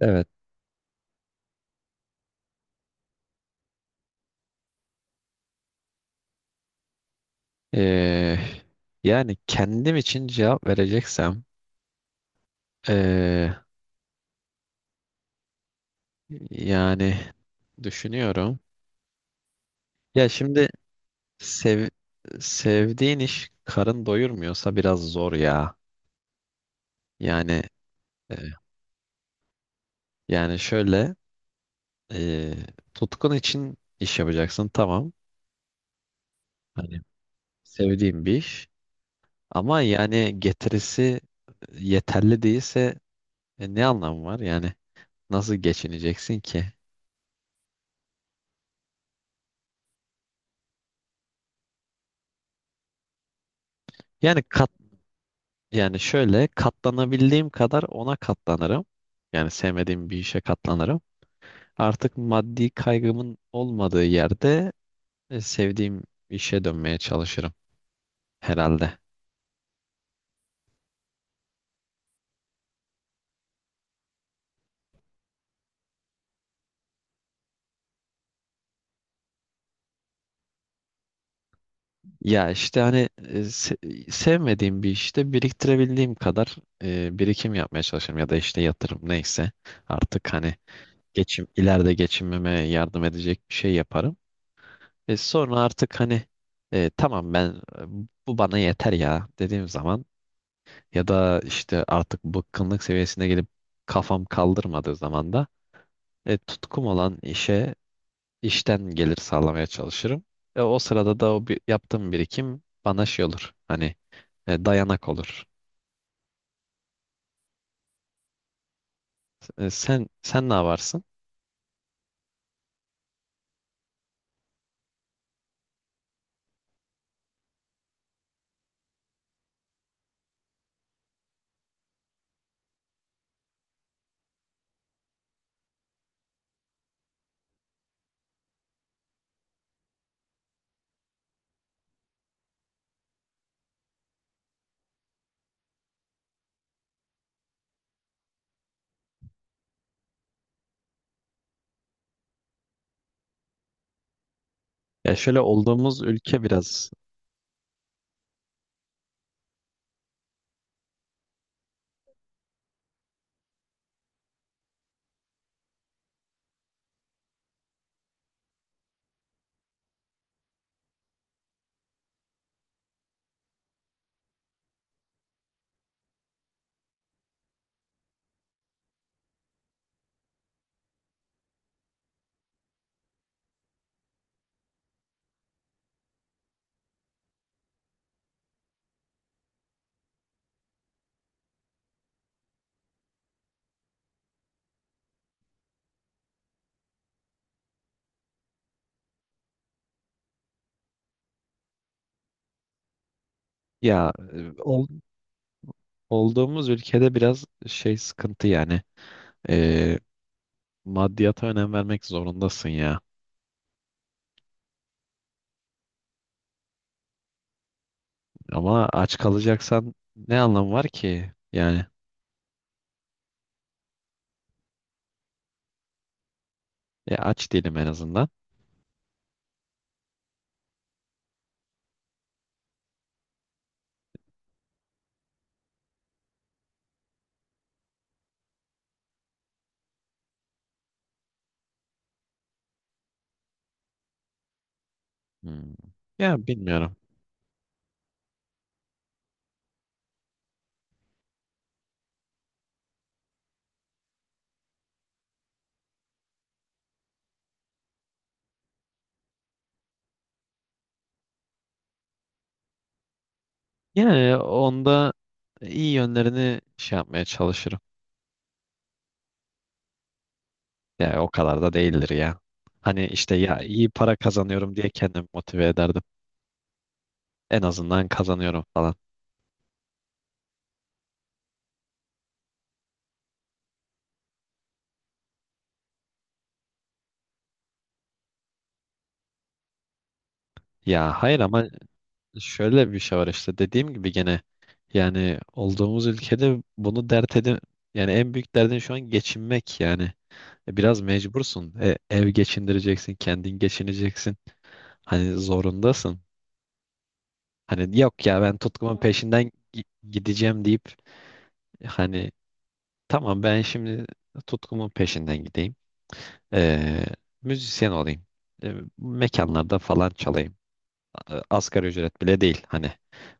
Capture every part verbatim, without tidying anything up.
Evet. Ee, Yani kendim için cevap vereceksem ee, yani düşünüyorum. Ya şimdi sev, sevdiğin iş karın doyurmuyorsa biraz zor ya. Yani e, yani şöyle e, tutkun için iş yapacaksın, tamam. Hani sevdiğin bir iş ama yani getirisi yeterli değilse e, ne anlamı var? Yani nasıl geçineceksin ki? Yani kat Yani şöyle katlanabildiğim kadar ona katlanırım. Yani sevmediğim bir işe katlanırım. Artık maddi kaygımın olmadığı yerde e, sevdiğim işe dönmeye çalışırım herhalde. Ya işte hani e, se- sevmediğim bir işte biriktirebildiğim kadar e, birikim yapmaya çalışırım ya da işte yatırım neyse artık hani geçim ileride geçinmeme yardım edecek bir şey yaparım. E, sonra artık hani e, tamam ben e, bu bana yeter ya dediğim zaman. Ya da işte artık bıkkınlık seviyesine gelip kafam kaldırmadığı zaman da e, tutkum olan işe, işten gelir sağlamaya çalışırım. E, o sırada da o bi- yaptığım birikim bana şey olur. Hani e, dayanak olur. E, sen sen ne yaparsın? Ya şöyle olduğumuz ülke biraz ya e, ol- Olduğumuz ülkede biraz şey sıkıntı yani. E, Maddiyata önem vermek zorundasın ya. Ama aç kalacaksan ne anlamı var ki? Yani e, aç değilim en azından. Hmm. Ya bilmiyorum. Yani onda iyi yönlerini şey yapmaya çalışırım. Yani o kadar da değildir ya. Hani işte ya iyi para kazanıyorum diye kendimi motive ederdim. En azından kazanıyorum falan. Ya hayır, ama şöyle bir şey var, işte dediğim gibi gene yani olduğumuz ülkede bunu dert edin, yani en büyük derdin şu an geçinmek yani. E, Biraz mecbursun. E, ev geçindireceksin, kendin geçineceksin. Hani zorundasın. Hani yok ya ben tutkumun peşinden gi- gideceğim deyip hani tamam, ben şimdi tutkumun peşinden gideyim. Ee, Müzisyen olayım. Ee, mekanlarda falan çalayım. A- Asgari ücret bile değil hani.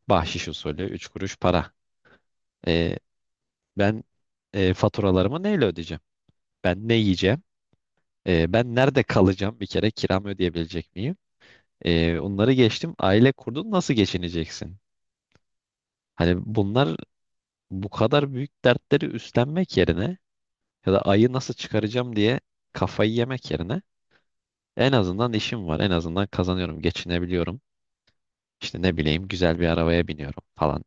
Bahşiş usulü üç kuruş para. Ee, Ben e, faturalarımı neyle ödeyeceğim? Ben ne yiyeceğim? Ee, ben nerede kalacağım? Bir kere kiramı ödeyebilecek miyim? Ee, onları geçtim. Aile kurdun, nasıl geçineceksin? Hani bunlar, bu kadar büyük dertleri üstlenmek yerine, ya da ayı nasıl çıkaracağım diye kafayı yemek yerine, en azından işim var. En azından kazanıyorum, geçinebiliyorum. İşte ne bileyim, güzel bir arabaya biniyorum falan.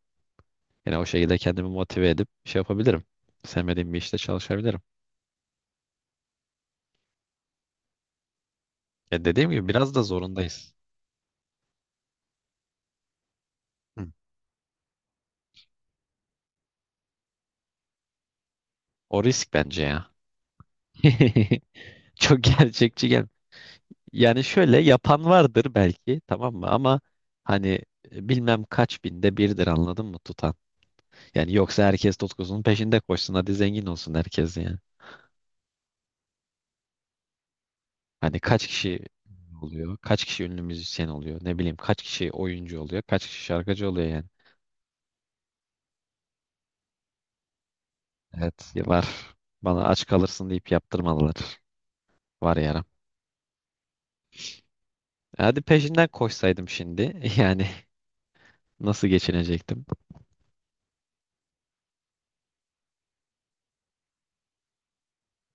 Yani o şekilde kendimi motive edip şey yapabilirim. Sevmediğim bir işte çalışabilirim. Ya dediğim gibi biraz da zorundayız. Hı. O risk bence ya. Çok gerçekçi gel. Yani şöyle yapan vardır belki, tamam mı? Ama hani e, bilmem kaç binde birdir, anladın mı, tutan. Yani yoksa herkes tutkusunun peşinde koşsun, hadi zengin olsun herkes yani. Hani kaç kişi oluyor? Kaç kişi ünlü müzisyen oluyor? Ne bileyim kaç kişi oyuncu oluyor? Kaç kişi şarkıcı oluyor yani? Evet, var. Bana aç kalırsın deyip yaptırmadılar. Var yaram. Hadi peşinden koşsaydım şimdi. Yani nasıl geçinecektim?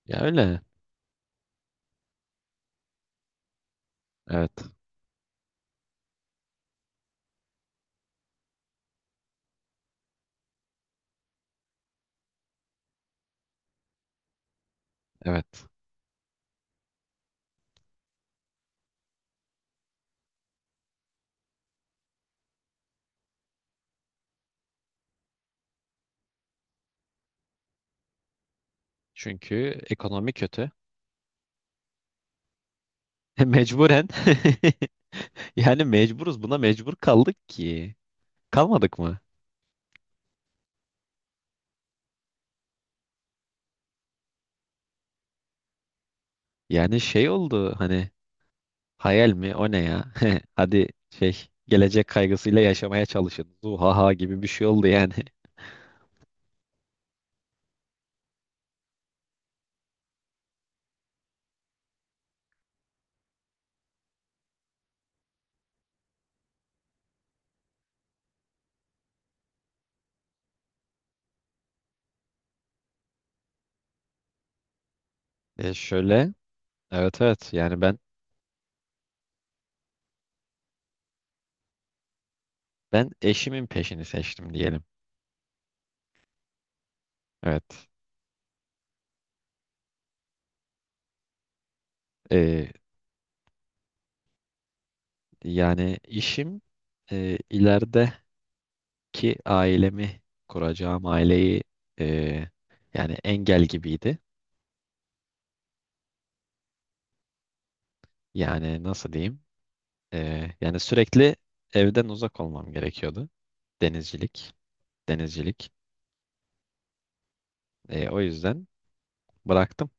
Ya öyle. Evet. Evet. Çünkü ekonomi kötü. Mecburen. Yani mecburuz. Buna mecbur kaldık ki. Kalmadık mı? Yani şey oldu hani, hayal mi? O ne ya? Hadi şey, gelecek kaygısıyla yaşamaya çalışın. Zuhaha gibi bir şey oldu yani. E şöyle evet evet yani ben ben eşimin peşini seçtim diyelim. Evet. E, Yani işim e, ilerideki ailemi, kuracağım aileyi e, yani engel gibiydi. Yani nasıl diyeyim? E, yani sürekli evden uzak olmam gerekiyordu. Denizcilik, denizcilik. E, o yüzden bıraktım.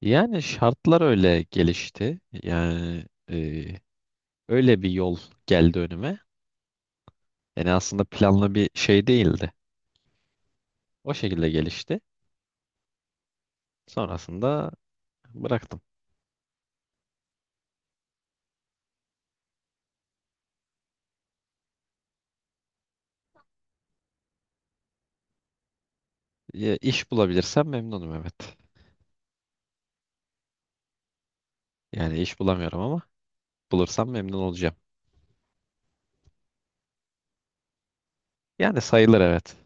Yani şartlar öyle gelişti. Yani e, öyle bir yol geldi önüme. Yani aslında planlı bir şey değildi. O şekilde gelişti. Sonrasında bıraktım. Ya, iş bulabilirsem memnunum, evet. Yani iş bulamıyorum ama bulursam memnun olacağım. Yani sayılır, evet.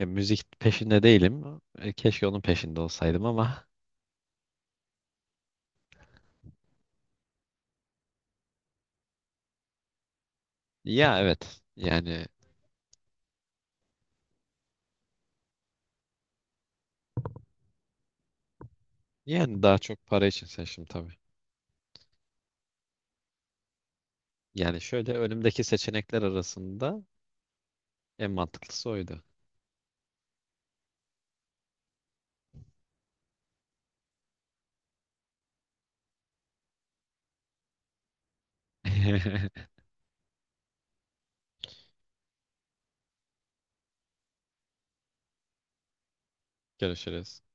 Ya, müzik peşinde değilim. E, keşke onun peşinde olsaydım ama ya evet. Yani yani daha çok para için seçtim tabii. Yani şöyle önümdeki seçenekler arasında en mantıklısı oydu. Görüşürüz.